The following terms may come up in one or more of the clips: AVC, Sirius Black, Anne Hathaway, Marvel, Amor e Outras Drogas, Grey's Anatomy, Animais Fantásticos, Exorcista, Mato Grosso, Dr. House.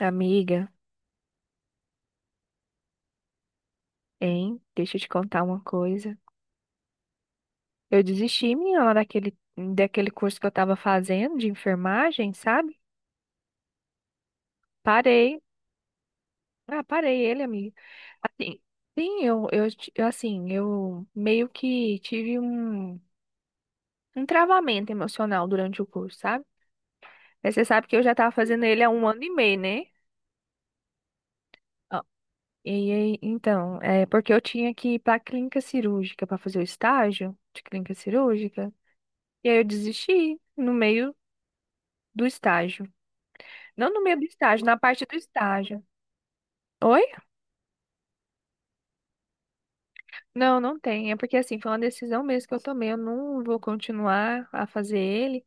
Amiga, hein? Deixa eu te contar uma coisa. Eu desisti, menina, daquele curso que eu tava fazendo de enfermagem, sabe? Parei. Ah, parei ele, amiga. Assim, sim, eu, assim, eu meio que tive um travamento emocional durante o curso, sabe? Mas você sabe que eu já tava fazendo ele há um ano e meio, né? Ó, e aí, então, é porque eu tinha que ir pra clínica cirúrgica pra fazer o estágio de clínica cirúrgica. E aí eu desisti no meio do estágio. Não no meio do estágio, na parte do estágio. Oi? Não, não tem. É porque assim, foi uma decisão mesmo que eu tomei. Eu não vou continuar a fazer ele.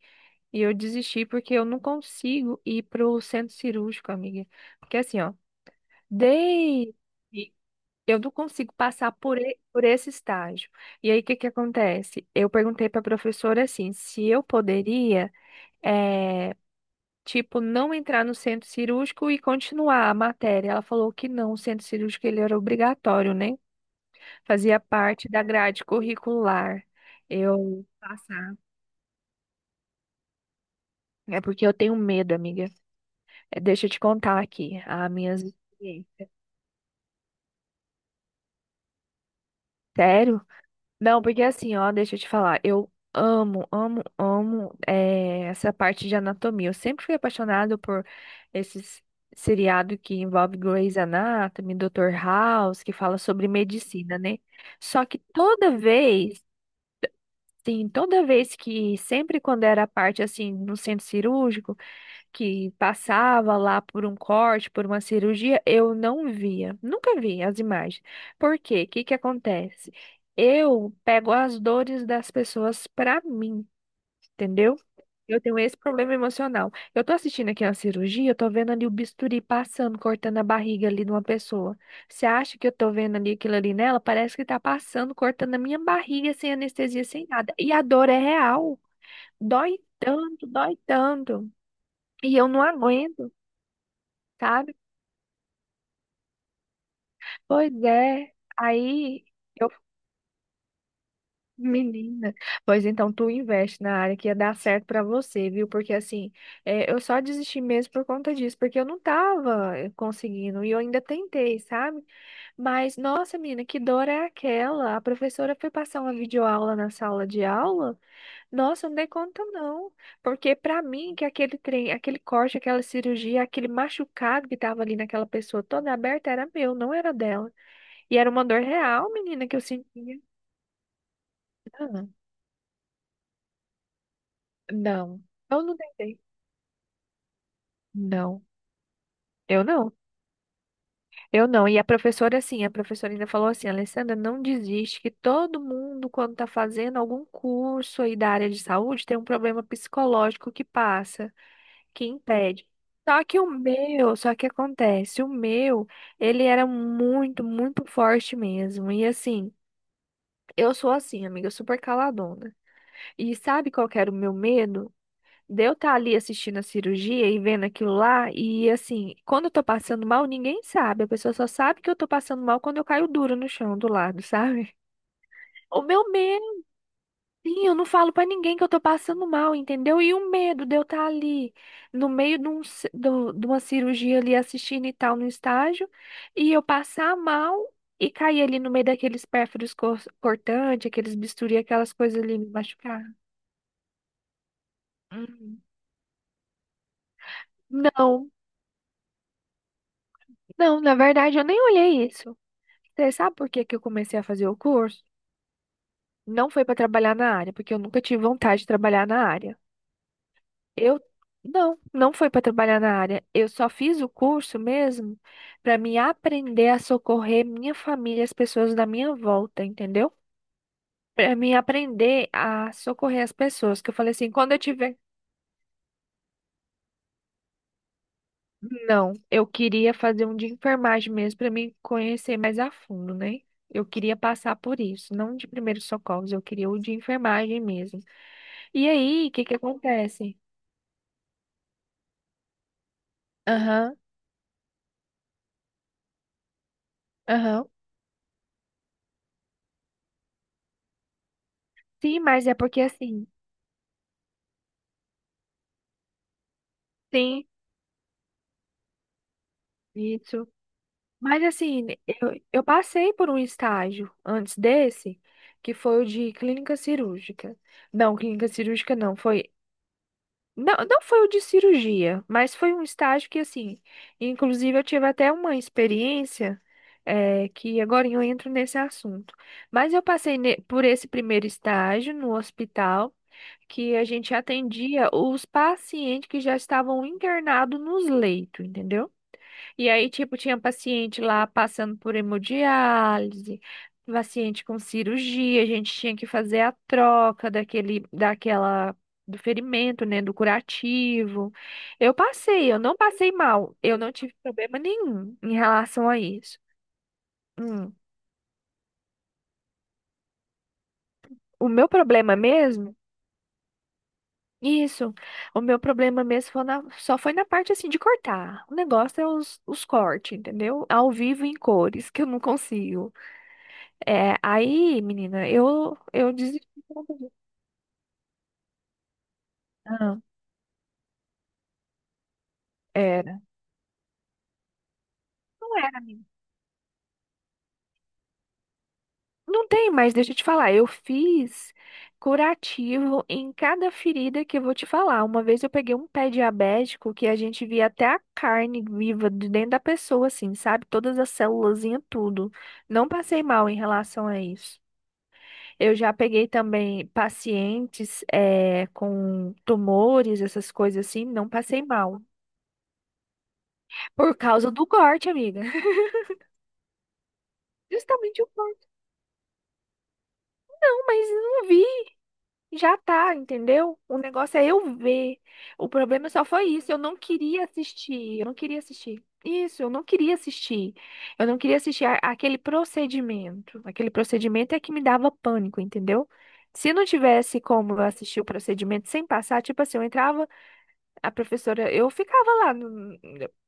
E eu desisti porque eu não consigo ir pro centro cirúrgico, amiga. Porque assim, ó, desde eu não consigo passar por esse estágio. E aí, o que que acontece? Eu perguntei pra professora assim, se eu poderia. eh, tipo, não entrar no centro cirúrgico e continuar a matéria. Ela falou que não, o centro cirúrgico ele era obrigatório, né? Fazia parte da grade curricular. Eu passar. É porque eu tenho medo, amiga. É, deixa eu te contar aqui as minhas experiências. Sério? Não, porque assim, ó, deixa eu te falar, eu amo, amo, amo essa parte de anatomia. Eu sempre fui apaixonado por esses seriado que envolve Grey's Anatomy, Dr. House, que fala sobre medicina, né? Só que toda vez, sim, toda sempre quando era a parte assim, no centro cirúrgico, que passava lá por um corte, por uma cirurgia, eu não via, nunca vi as imagens. Por quê? O que que acontece? Eu pego as dores das pessoas pra mim, entendeu? Eu tenho esse problema emocional. Eu tô assistindo aqui uma cirurgia, eu tô vendo ali o bisturi passando, cortando a barriga ali de uma pessoa. Você acha que eu tô vendo ali aquilo ali nela? Parece que tá passando, cortando a minha barriga sem anestesia, sem nada. E a dor é real. Dói tanto, dói tanto. E eu não aguento, sabe? Pois é. Aí eu, menina, pois então tu investe na área que ia dar certo pra você, viu? Porque assim, é, eu só desisti mesmo por conta disso, porque eu não tava conseguindo e eu ainda tentei, sabe? Mas nossa, menina, que dor é aquela? A professora foi passar uma videoaula na sala de aula? Nossa, eu não dei conta não, porque pra mim que aquele trem, aquele corte, aquela cirurgia, aquele machucado que tava ali naquela pessoa toda aberta era meu, não era dela. E era uma dor real, menina, que eu sentia. Ah, não, eu não tentei. Não, eu não. Eu não. E a professora, assim, a professora ainda falou assim, Alessandra, não desiste, que todo mundo, quando tá fazendo algum curso aí da área de saúde, tem um problema psicológico que passa, que impede. Só que o meu, só que acontece, o meu, ele era muito, muito forte mesmo. E assim, eu sou assim, amiga, super caladona. E sabe qual que era o meu medo? De eu estar ali assistindo a cirurgia e vendo aquilo lá, e assim, quando eu tô passando mal, ninguém sabe. A pessoa só sabe que eu tô passando mal quando eu caio duro no chão do lado, sabe? O meu medo, sim, eu não falo pra ninguém que eu tô passando mal, entendeu? E o medo de eu estar ali no meio de, um, ci- do- de uma cirurgia ali assistindo e tal no estágio, e eu passar mal. E cair ali no meio daqueles pérfuros cortantes, aqueles bisturi, aquelas coisas ali me machucar. Hum. Não, não, na verdade eu nem olhei isso. Você sabe por que que eu comecei a fazer o curso? Não foi para trabalhar na área, porque eu nunca tive vontade de trabalhar na área. Eu não, não foi para trabalhar na área. Eu só fiz o curso mesmo para me aprender a socorrer minha família, e as pessoas da minha volta, entendeu? Para me aprender a socorrer as pessoas, que eu falei assim, quando eu tiver. Não, eu queria fazer um de enfermagem mesmo para me conhecer mais a fundo, né? Eu queria passar por isso, não de primeiros socorros, eu queria o de enfermagem mesmo. E aí, o que que acontece? Aham, aham. Sim, mas é porque assim, sim, isso. Mas assim, eu passei por um estágio antes desse, que foi o de clínica cirúrgica. Não, clínica cirúrgica não, foi. Não, não foi o de cirurgia, mas foi um estágio que, assim, inclusive eu tive até uma experiência, que agora eu entro nesse assunto. Mas eu passei por esse primeiro estágio no hospital, que a gente atendia os pacientes que já estavam internados nos leitos, entendeu? E aí, tipo, tinha paciente lá passando por hemodiálise, paciente com cirurgia, a gente tinha que fazer a troca do ferimento, né, do curativo. Eu passei, eu não passei mal, eu não tive problema nenhum em relação a isso. Hum, o meu problema mesmo, isso, o meu problema mesmo foi só foi na parte, assim, de cortar. O negócio é os cortes, entendeu? Ao vivo em cores, que eu não consigo. É, aí, menina, eu desisti. De conta disso. Ah, era. Não era, menina. Não tem, mas deixa eu te falar. Eu fiz curativo em cada ferida que eu vou te falar. Uma vez eu peguei um pé diabético que a gente via até a carne viva de dentro da pessoa, assim, sabe? Todas as células, tudo. Não passei mal em relação a isso. Eu já peguei também pacientes é, com tumores, essas coisas assim, não passei mal. Por causa do corte, amiga. Justamente o plano, "Não, mas não vi, já tá, entendeu? O negócio é eu ver. O problema só foi isso, eu não queria assistir, eu não queria assistir. Isso, eu não queria assistir. Eu não queria assistir aquele procedimento. Aquele procedimento é que me dava pânico, entendeu? Se não tivesse como eu assistir o procedimento sem passar, tipo assim, eu entrava, a professora, eu ficava lá,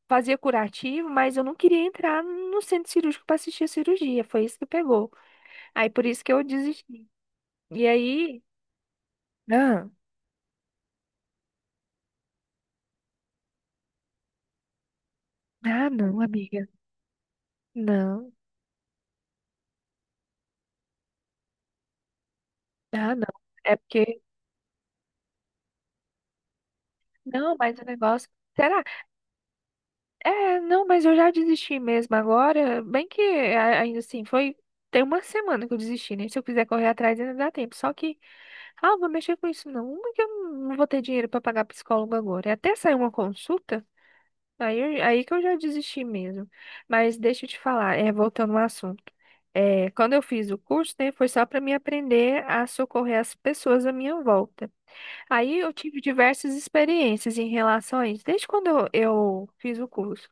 fazia curativo, mas eu não queria entrar no centro cirúrgico para assistir a cirurgia. Foi isso que pegou. Aí por isso que eu desisti. E aí, ah, ah, não, amiga, não, ah, não, é porque, não, mas o negócio, será? É, não, mas eu já desisti mesmo agora, bem ainda assim, foi, tem uma semana que eu desisti, né? Se eu quiser correr atrás ainda dá tempo, só que, ah, eu vou mexer com isso não, uma que eu não vou ter dinheiro pra pagar psicólogo agora, e até sair uma consulta, aí, aí que eu já desisti mesmo. Mas deixa eu te falar, é, voltando ao assunto. É, quando eu fiz o curso, né, foi só para me aprender a socorrer as pessoas à minha volta. Aí eu tive diversas experiências em relação a isso, desde quando eu fiz o curso.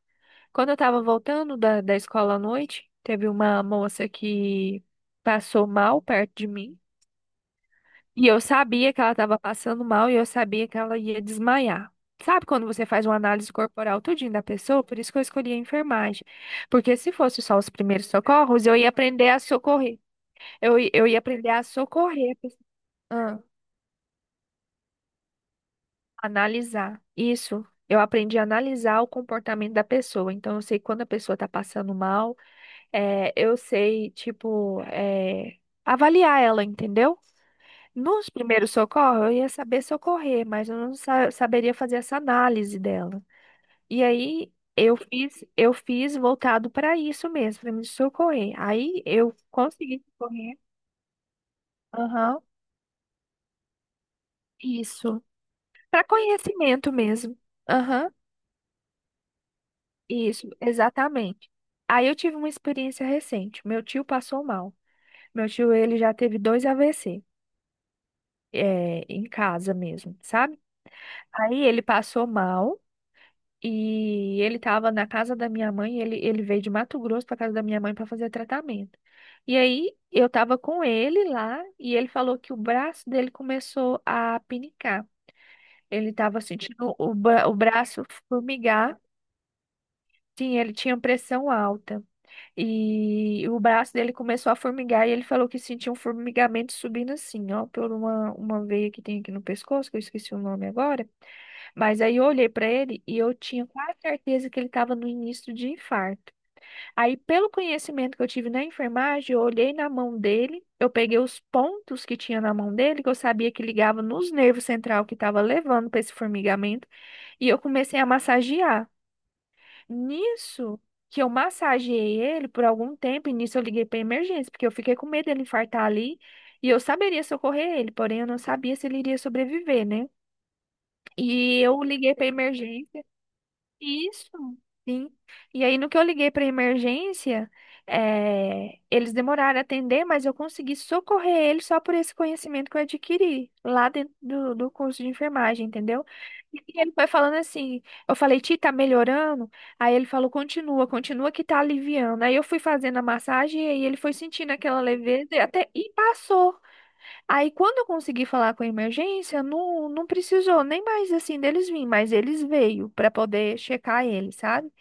Quando eu estava voltando da escola à noite, teve uma moça que passou mal perto de mim. E eu sabia que ela estava passando mal e eu sabia que ela ia desmaiar. Sabe quando você faz uma análise corporal tudinho da pessoa? Por isso que eu escolhi a enfermagem. Porque se fosse só os primeiros socorros, eu ia aprender a socorrer. Eu ia aprender a socorrer, a pessoa. Ah, analisar. Isso. Eu aprendi a analisar o comportamento da pessoa. Então, eu sei quando a pessoa está passando mal, eu sei, tipo, avaliar ela, entendeu? Nos primeiros socorros, eu ia saber socorrer, mas eu não saberia fazer essa análise dela. E aí eu fiz voltado para isso mesmo, para me socorrer. Aí eu consegui socorrer. Aham, isso. Para conhecimento mesmo. Aham, isso, exatamente. Aí eu tive uma experiência recente. Meu tio passou mal. Meu tio, ele já teve dois AVC, é, em casa mesmo, sabe? Aí ele passou mal. E ele estava na casa da minha mãe, ele veio de Mato Grosso para casa da minha mãe para fazer tratamento. E aí eu estava com ele lá e ele falou que o braço dele começou a pinicar. Ele estava sentindo o braço formigar. Sim, ele tinha pressão alta. E o braço dele começou a formigar e ele falou que sentiu um formigamento subindo assim, ó, por uma veia que tem aqui no pescoço, que eu esqueci o nome agora. Mas aí eu olhei para ele e eu tinha quase certeza que ele estava no início de infarto. Aí, pelo conhecimento que eu tive na enfermagem, eu olhei na mão dele, eu peguei os pontos que tinha na mão dele, que eu sabia que ligava nos nervos central que estava levando para esse formigamento, e eu comecei a massagear. Nisso que eu massageei ele por algum tempo, e nisso eu liguei para emergência, porque eu fiquei com medo dele infartar ali, e eu saberia socorrer ele, porém eu não sabia se ele iria sobreviver, né? E eu liguei para emergência. Isso, sim. E aí, no que eu liguei para emergência, eles demoraram a atender, mas eu consegui socorrer eles só por esse conhecimento que eu adquiri lá dentro do curso de enfermagem, entendeu? E ele foi falando assim, eu falei, Ti, tá melhorando? Aí ele falou, continua, continua que tá aliviando. Aí eu fui fazendo a massagem e aí ele foi sentindo aquela leveza e até e passou. Aí, quando eu consegui falar com a emergência, não, não precisou nem mais assim deles virem, mas eles veio para poder checar ele, sabe?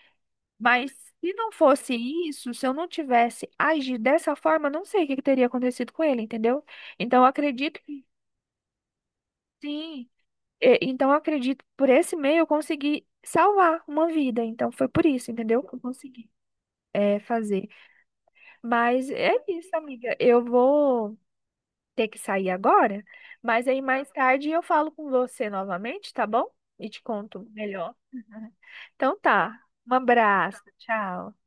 Mas se não fosse isso, se eu não tivesse agido dessa forma, não sei o que que teria acontecido com ele, entendeu? Então, eu acredito que sim. E- então, eu acredito que por esse meio eu consegui salvar uma vida. Então, foi por isso, entendeu? Que eu consegui é, fazer. Mas é isso, amiga. Eu vou ter que sair agora, mas aí mais tarde eu falo com você novamente, tá bom? E te conto melhor. Então tá. Um abraço, tchau.